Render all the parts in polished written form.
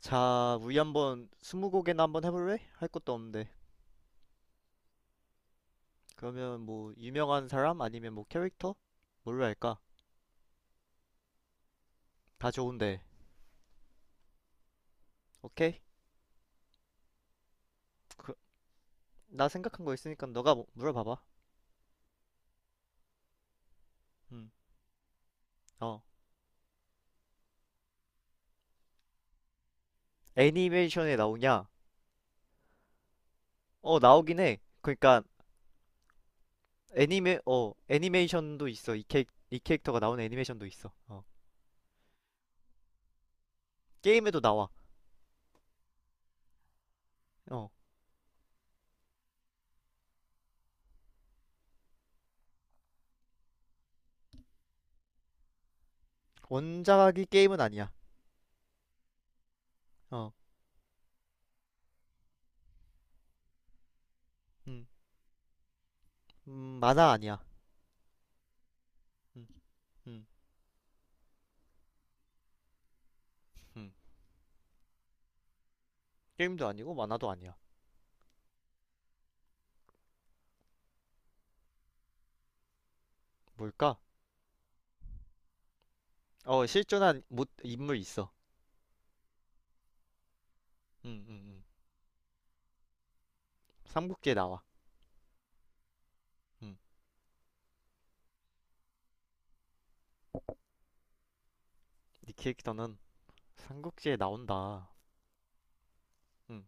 자, 우리 한번 스무고개나 한번 해볼래? 할 것도 없는데. 그러면 뭐 유명한 사람 아니면 뭐 캐릭터? 뭘로 할까? 다 좋은데. 오케이? 그, 나 생각한 거 있으니까 너가 물어봐봐. 음. 어. 애니메이션에 나오냐? 어, 나오긴 해. 그러니까 애니메이션도 있어. 이 캐릭터가 나오는 애니메이션도 있어. 어. 게임에도 나와. 어. 원작이 게임은 아니야. 어. 음. 음, 만화 아니야. 음. 음. 음. 게임도 아니고 만화도 아니야. 뭘까? 어, 실존한 못, 인물 있어. 응, 응, 응. 삼국지에 나와. 응. 네 캐릭터는 삼국지에 나온다. 응.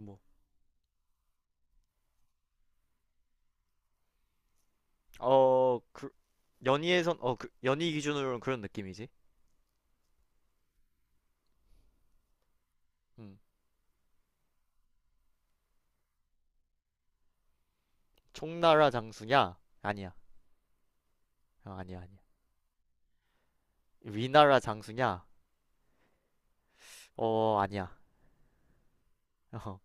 뭐. 어, 그, 연희에선, 어, 그, 연희 기준으로는 그런 느낌이지. 응. 총나라 장수냐? 아니야. 어, 아니야, 아니야. 위나라 장수냐? 어, 아니야. 어.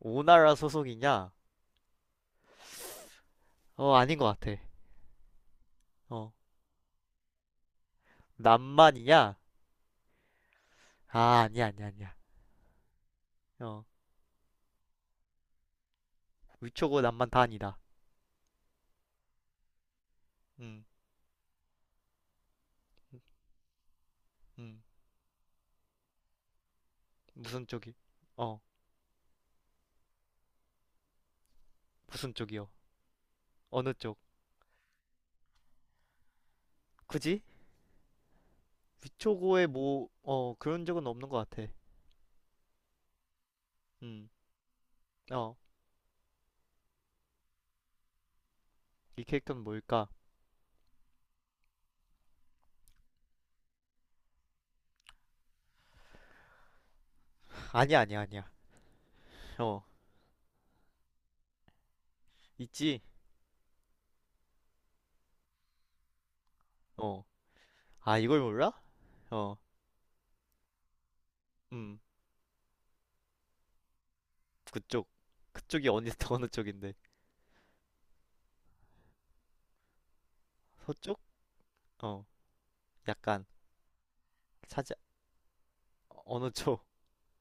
오나라 소속이냐? 어, 아닌 것 같아. 어. 남만이냐? 아, 아니야, 아니야, 아니야. 어. 위초고 남만 다 아니다. 응, 응. 무슨 쪽이? 어, 무슨 쪽이요? 어느 쪽? 굳이? 위초고에 뭐, 어, 그런 적은 없는 것 같아. 음, 어, 이 캐릭터는 뭘까? 아니야, 아니야, 아니야. 어, 있지? 어, 아, 이걸 몰라? 어, 음, 그쪽. 그쪽이 어느, 어느 쪽인데? 서쪽? 어, 약간, 차지, 어느 쪽?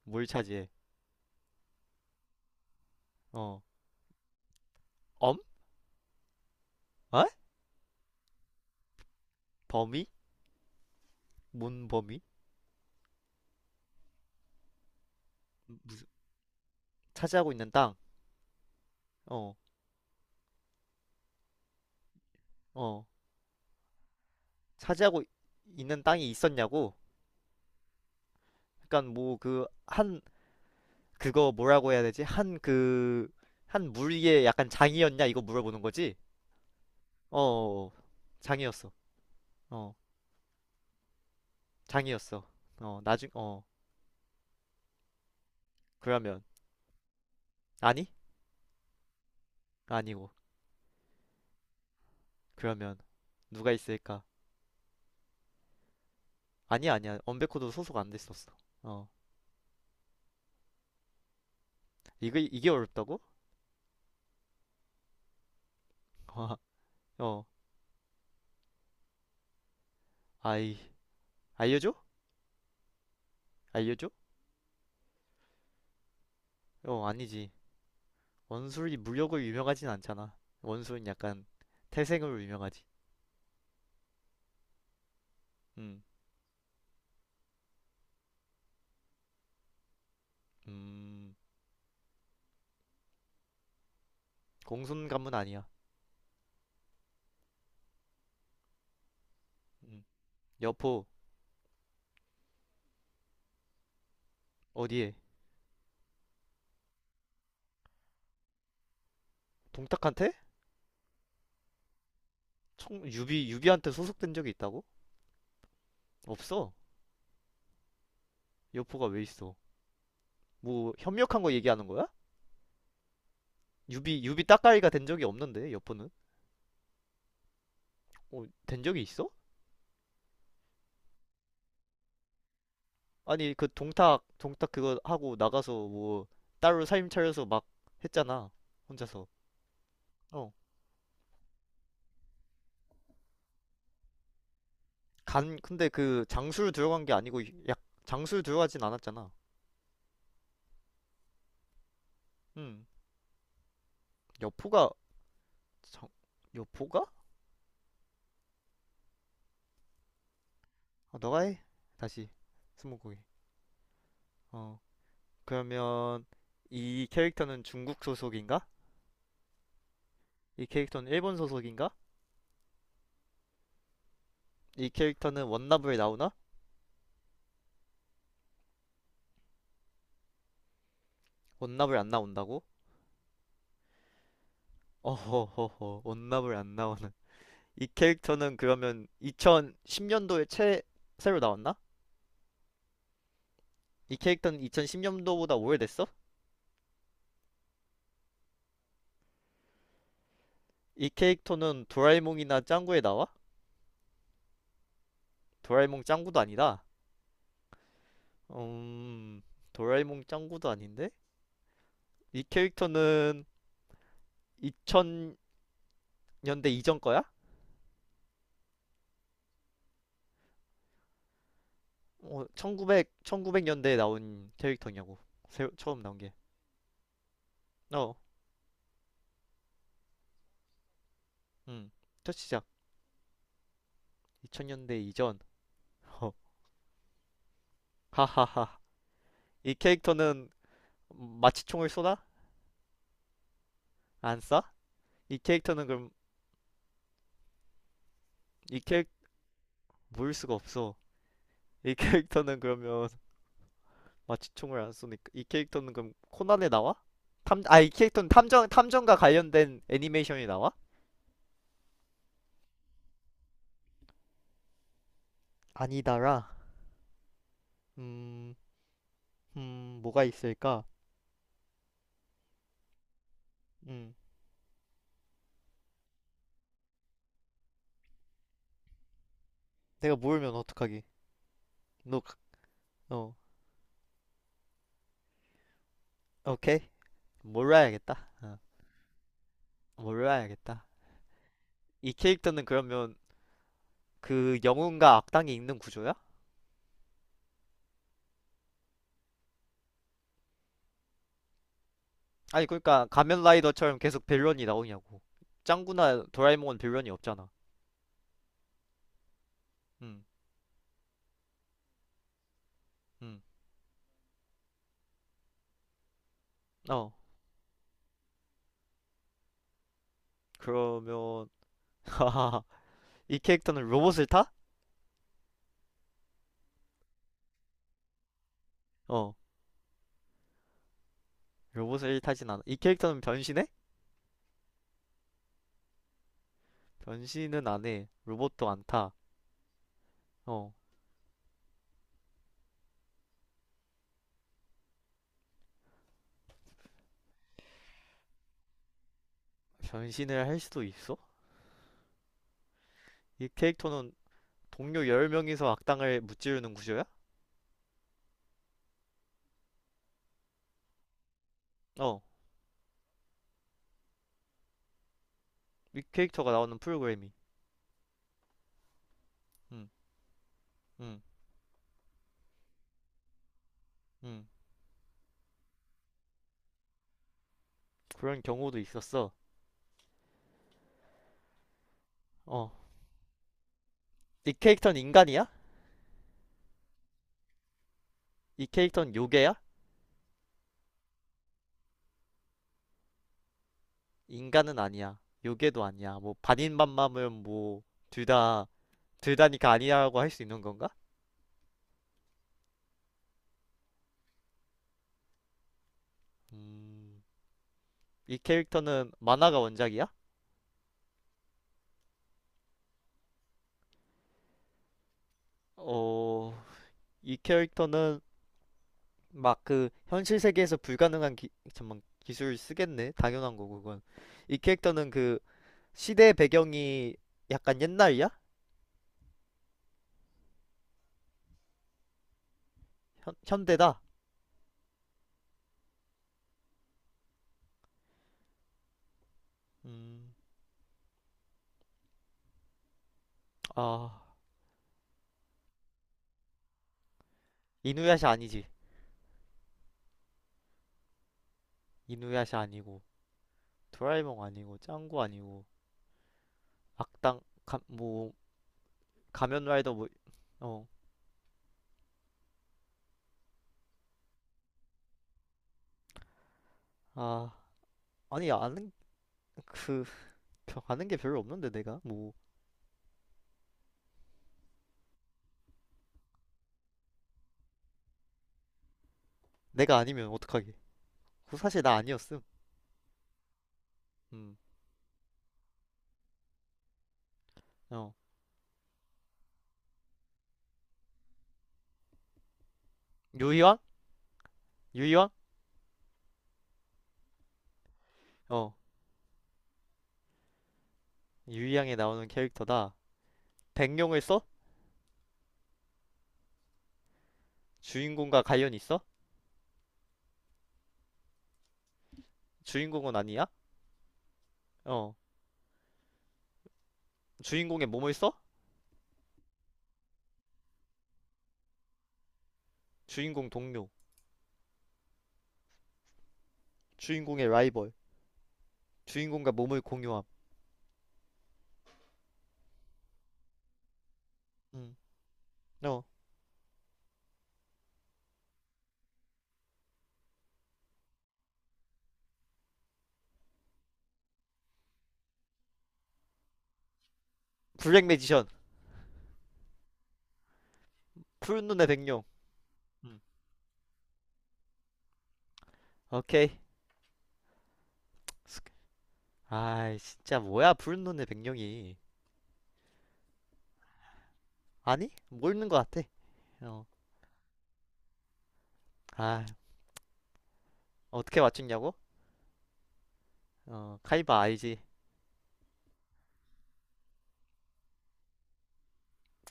뭘 차지해? 어, 엄? 어? 범위? 뭔 범위? 무슨, 차지하고 있는 땅? 어, 어, 차지하고 있는 땅이 있었냐고? 약간 뭐, 그, 한, 그거 뭐라고 해야 되지? 한 그, 한 물 위에 약간 장이었냐? 이거 물어보는 거지? 어, 어, 어. 장이었어. 어, 장이었어. 어, 나중, 어, 그러면, 아니? 아니고. 그러면, 누가 있을까? 아니야, 아니야. 언베코도 소속 안 됐었어. 어, 이거, 이게 어렵다고? 어, 아이, 알려줘? 알려줘? 어, 아니지. 원술이 물력으로 유명하진 않잖아. 원술은 약간 태생으로 유명하지. 음, 음, 공손 가문 아니야. 음. 여포. 어디에? 동탁한테? 청 유비한테 소속된 적이 있다고? 없어. 여포가 왜 있어? 뭐 협력한 거 얘기하는 거야? 유비 따까이가 된 적이 없는데 여포는? 어, 된 적이 있어? 아니 그 동탁 그거 하고 나가서 뭐 따로 사임 차려서 막 했잖아. 혼자서. 어. 간 근데 그장를 들어간 게 아니고 약장를 들어가진 않았잖아. 음. 여포가 장 여포가? 아, 너가 해. 다시 스무고개. 어. 그러면 이 캐릭터는 중국 소속인가? 이 캐릭터는 일본 소속인가? 이 캐릭터는 원나블에 나오나? 원나블 안 나온다고? 어허허허, 원나블 안 나오는. 이 캐릭터는 그러면 2010년도에 최, 새로 나왔나? 이 캐릭터는 2010년도보다 오래됐어? 이 캐릭터는 도라에몽이나 짱구에 나와? 도라에몽 짱구도 아니다. 음, 도라에몽 짱구도 아닌데? 이 캐릭터는 2000년대 이전 거야? 어, 1900, 구백 년대에 나온 캐릭터냐고. 새, 처음 나온 게. 어, 음. 첫 시작. 2000년대 이전. 어, 하하하. 이 캐릭터는 마취총을 쏘나? 안 쏴? 이 캐릭터는 그럼, 이 캐릭, 모일 수가 없어. 이 캐릭터는 그러면 마취총을 안 쏘니까. 이 캐릭터는 그럼 코난에 나와? 탐, 아, 이 캐릭터는 탐정, 탐정과 관련된 애니메이션이 나와? 아니다라. 음, 뭐가 있을까? 음, 내가 모르면 어떡하기. 너, 어. 오케이. 몰라야겠다. 어, 몰라야겠다. 이 캐릭터는 그러면 그 영웅과 악당이 있는 구조야? 아니, 그러니까 가면라이더처럼 계속 빌런이 나오냐고. 짱구나 도라에몽은 빌런이 없잖아. 음, 음. 어, 그러면 이 캐릭터는 로봇을 타? 어, 로봇을 타진 않아. 이 캐릭터는 변신해? 변신은 안 해. 로봇도 안 타. 어, 변신을 할 수도 있어? 이 캐릭터는 동료 10명이서 악당을 무찌르는 구조야? 어. 이 캐릭터가 나오는 프로그램이. 음, 음, 음. 그런 경우도 있었어. 어. 이 캐릭터는 인간이야? 이 캐릭터는 요괴야? 인간은 아니야. 요괴도 아니야. 뭐 반인반마면 뭐 둘 다, 둘 다니까 아니라고 할 수 있는 건가? 음. 이 캐릭터는 만화가 원작이야? 어. 이 캐릭터는 막 그 현실 세계에서 불가능한 기, 잠만 기술을 쓰겠네. 당연한 거고 그건. 이 캐릭터는 그 시대 배경이 약간 옛날이야? 현- 현대다. 음, 아, 이누야샤 아니지. 이누야샤 아니고, 도라에몽 아니고, 짱구 아니고, 악당, 가, 뭐, 가면라이더 뭐, 어, 아, 아니, 아는, 벼- 아는 게 별로 없는데, 내가? 뭐, 내가 아니면 어떡하게. 그 사실 나 아니었음. 음, 어. 유희왕? 유희왕? 어, 유희왕에 나오는 캐릭터다. 백룡을 써? 주인공과 관련이 있어? 주인공은 아니야? 어, 주인공의 몸을 써? 주인공 동료. 주인공의 라이벌. 주인공과 몸을 공유함. 음. 어. 블랙 매지션. 푸른 눈의 백룡. 음. 오케이. 아이, 진짜 뭐야, 푸른 눈의 백룡이. 아니? 뭐 있는 것 같아. 어. 아, 어떻게 맞췄냐고? 어, 카이바 알지.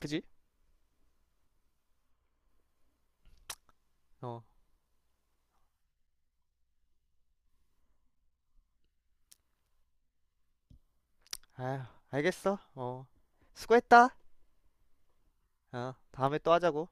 그지? 어. 아, 알겠어. 어. 수고했다. 어, 다음에 또 하자고.